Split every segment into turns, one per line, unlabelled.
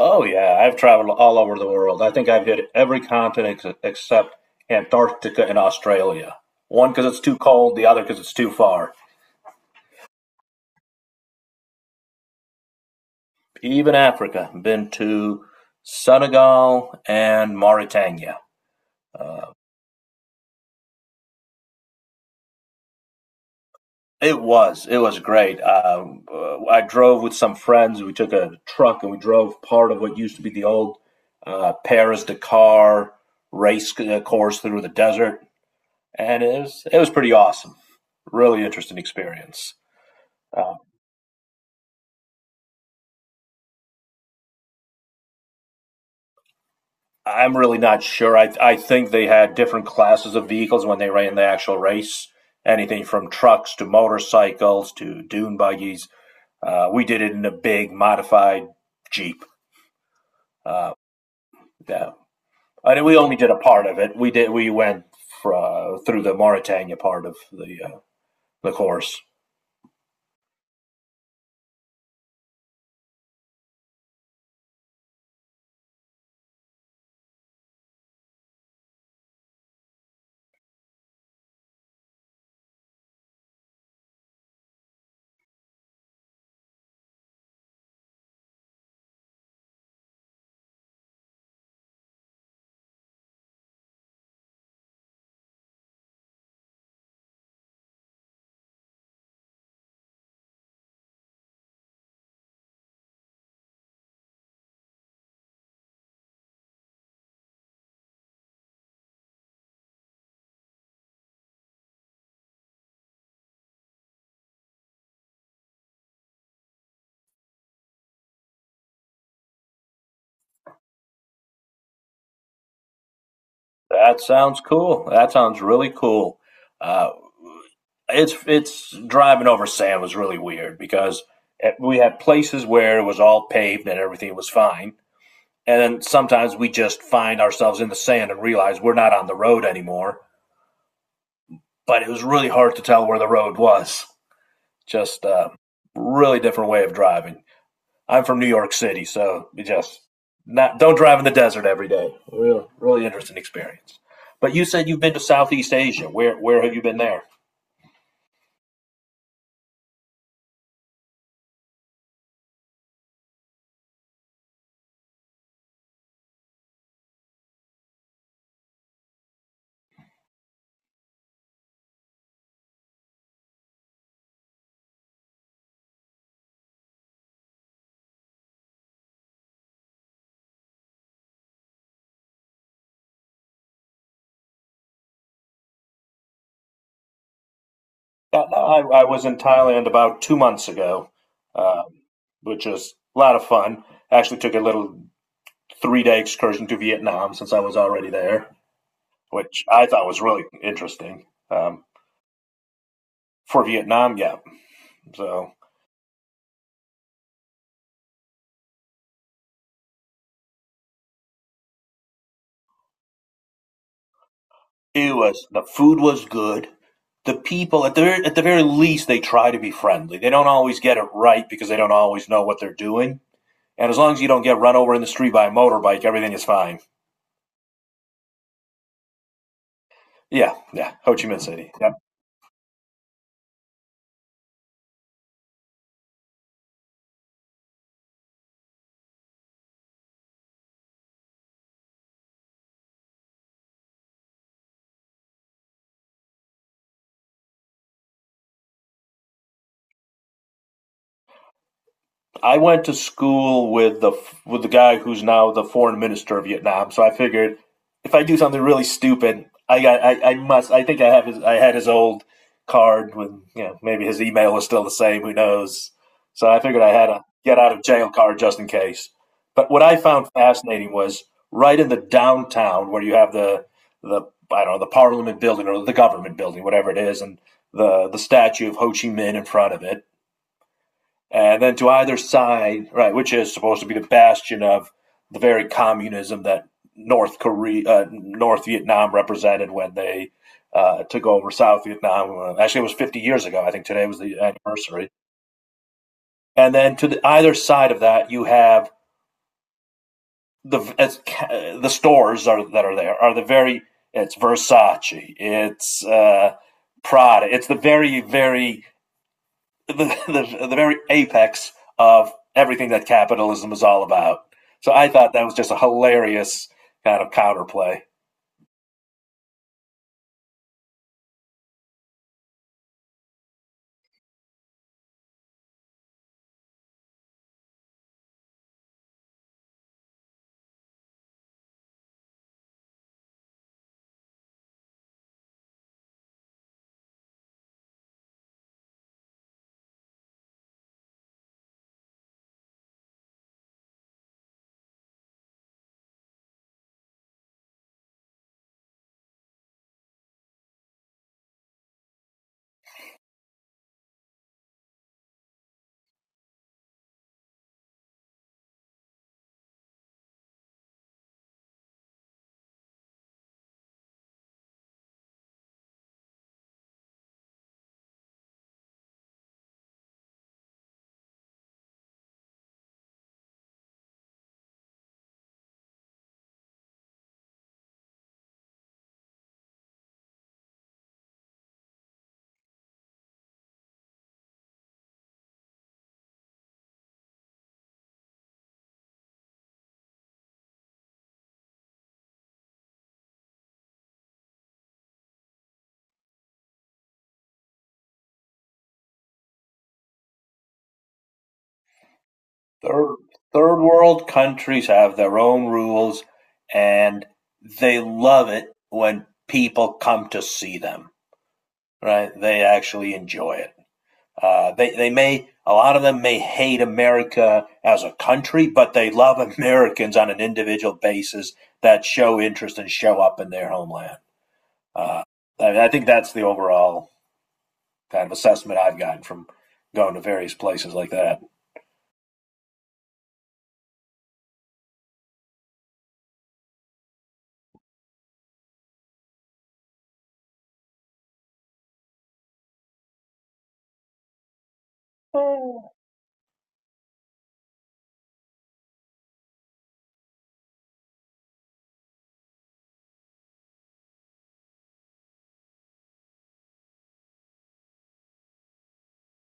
Oh yeah, I've traveled all over the world. I think I've hit every continent except Antarctica and Australia. One because it's too cold, the other because it's too far. Even Africa, been to Senegal and Mauritania. It was great. I drove with some friends. We took a truck and we drove part of what used to be the old Paris Dakar race course through the desert, and it was pretty awesome. Really interesting experience. Um, I'm really not sure. I think they had different classes of vehicles when they ran the actual race. Anything from trucks to motorcycles to dune buggies. We did it in a big modified Jeep. Uh, yeah. And we only did a part of it. We did. We went through the Mauritania part of the course. That sounds cool. That sounds really cool. Uh, it's driving over sand was really weird because we had places where it was all paved and everything was fine. And then sometimes we just find ourselves in the sand and realize we're not on the road anymore. But it was really hard to tell where the road was. Just a really different way of driving. I'm from New York City, so we just not don't drive in the desert every day. Really interesting experience. But you said you've been to Southeast Asia. Where have you been there? No, I was in Thailand about 2 months ago, um, which was a lot of fun. Actually, took a little 3-day excursion to Vietnam since I was already there, which I thought was really interesting. For Vietnam, yeah. So it was the food was good. The people at the very least they try to be friendly. They don't always get it right because they don't always know what they're doing. And as long as you don't get run over in the street by a motorbike, everything is fine. Yeah, yeah. Ho Chi Minh City. Yeah. I went to school with the guy who's now the foreign minister of Vietnam. So I figured if I do something really stupid, I got I must. I think I have his. I had his old card, with, you know, maybe his email is still the same. Who knows? So I figured I had a get out of jail card just in case. But what I found fascinating was right in the downtown where you have the, I don't know, the Parliament building or the government building, whatever it is, and the statue of Ho Chi Minh in front of it. And then to either side, right, which is supposed to be the bastion of the very communism that North Vietnam represented when they took over South Vietnam. Actually, it was 50 years ago. I think today was the anniversary. And then to the either side of that, you have the, it's, the stores are, that are there are the very, it's Versace, it's Prada, it's the very very, the, the very apex of everything that capitalism is all about. So I thought that was just a hilarious kind of counterplay. Third, Third world countries have their own rules, and they love it when people come to see them, right? They actually enjoy it. A lot of them may hate America as a country, but they love Americans on an individual basis that show interest and show up in their homeland. Uh, I think that's the overall kind of assessment I've gotten from going to various places like that. Eh,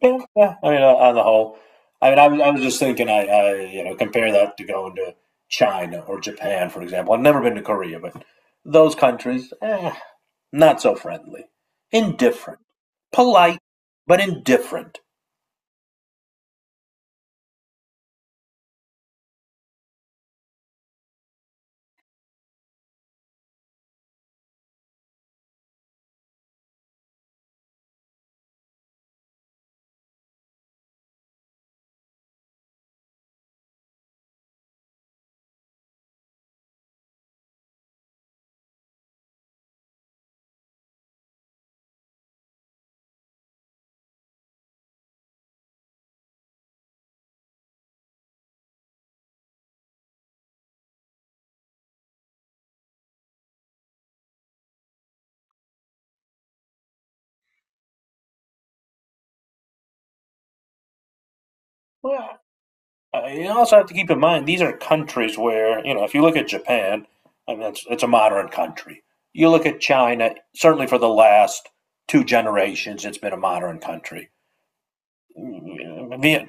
Yeah, yeah. I mean, on the whole, I mean, I was just thinking, compare that to going to China or Japan, for example. I've never been to Korea, but those countries, not so friendly, indifferent, polite, but indifferent. Well, you also have to keep in mind these are countries where if you look at Japan, I mean it's a modern country. You look at China, certainly for the last 2 generations, it's been a modern country.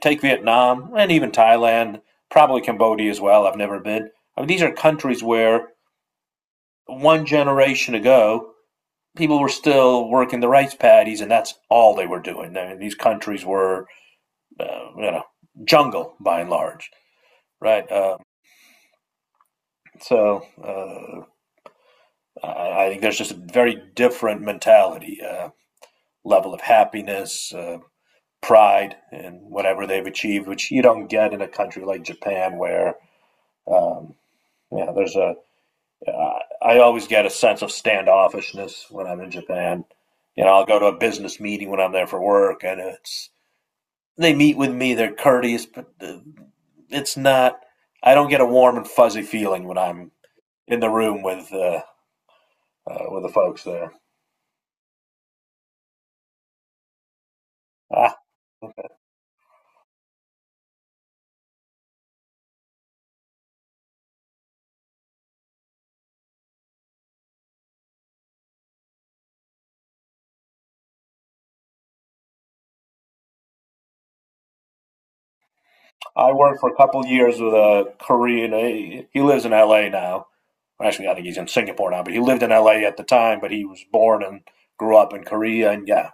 Take Vietnam and even Thailand, probably Cambodia as well. I've never been. I mean these are countries where one generation ago people were still working the rice paddies, and that's all they were doing. I mean, these countries were uh, you know jungle by and large, right? So I think there's just a very different mentality, level of happiness, pride in whatever they've achieved, which you don't get in a country like Japan. Where um, you know there's a. I always get a sense of standoffishness when I'm in Japan. You know, I'll go to a business meeting when I'm there for work, and it's they meet with me. They're courteous, but it's not. I don't get a warm and fuzzy feeling when I'm in the room with the folks there. Uh, I worked for a couple years with a Korean. He lives in L.A. now. Well, actually, I think he's in Singapore now, but he lived in L.A. at the time. But he was born and grew up in Korea, and yeah,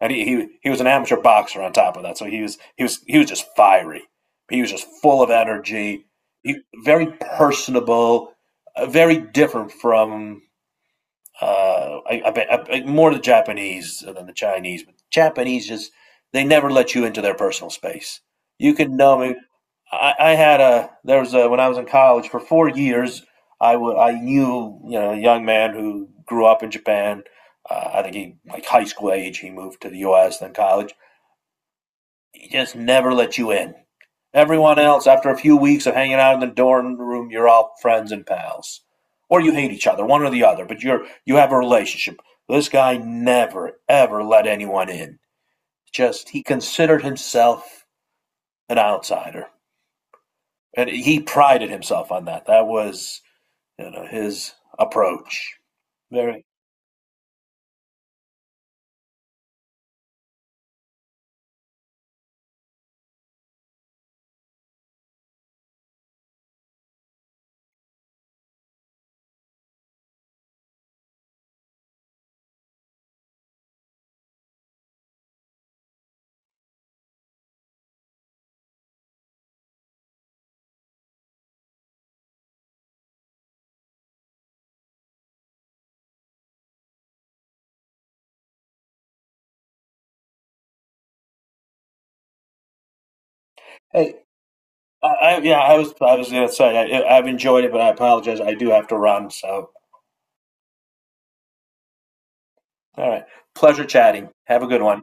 and he was an amateur boxer on top of that. So he was just fiery. He was just full of energy. He very personable, very different from uh, I, I, bet- more the Japanese than the Chinese. But Japanese just they never let you into their personal space. You can know me. I had a there was a When I was in college for 4 years. I knew a young man who grew up in Japan. I think he like high school age. He moved to the U.S. then college. He just never let you in. Everyone else, after a few weeks of hanging out in the dorm room, you're all friends and pals, or you hate each other, one or the other. But you have a relationship. This guy never ever let anyone in. Just he considered himself an outsider. And he prided himself on that. That was his approach. Very Hey, I yeah, I was gonna say I've enjoyed it, but I apologize. I do have to run. So all right, pleasure chatting. Have a good one.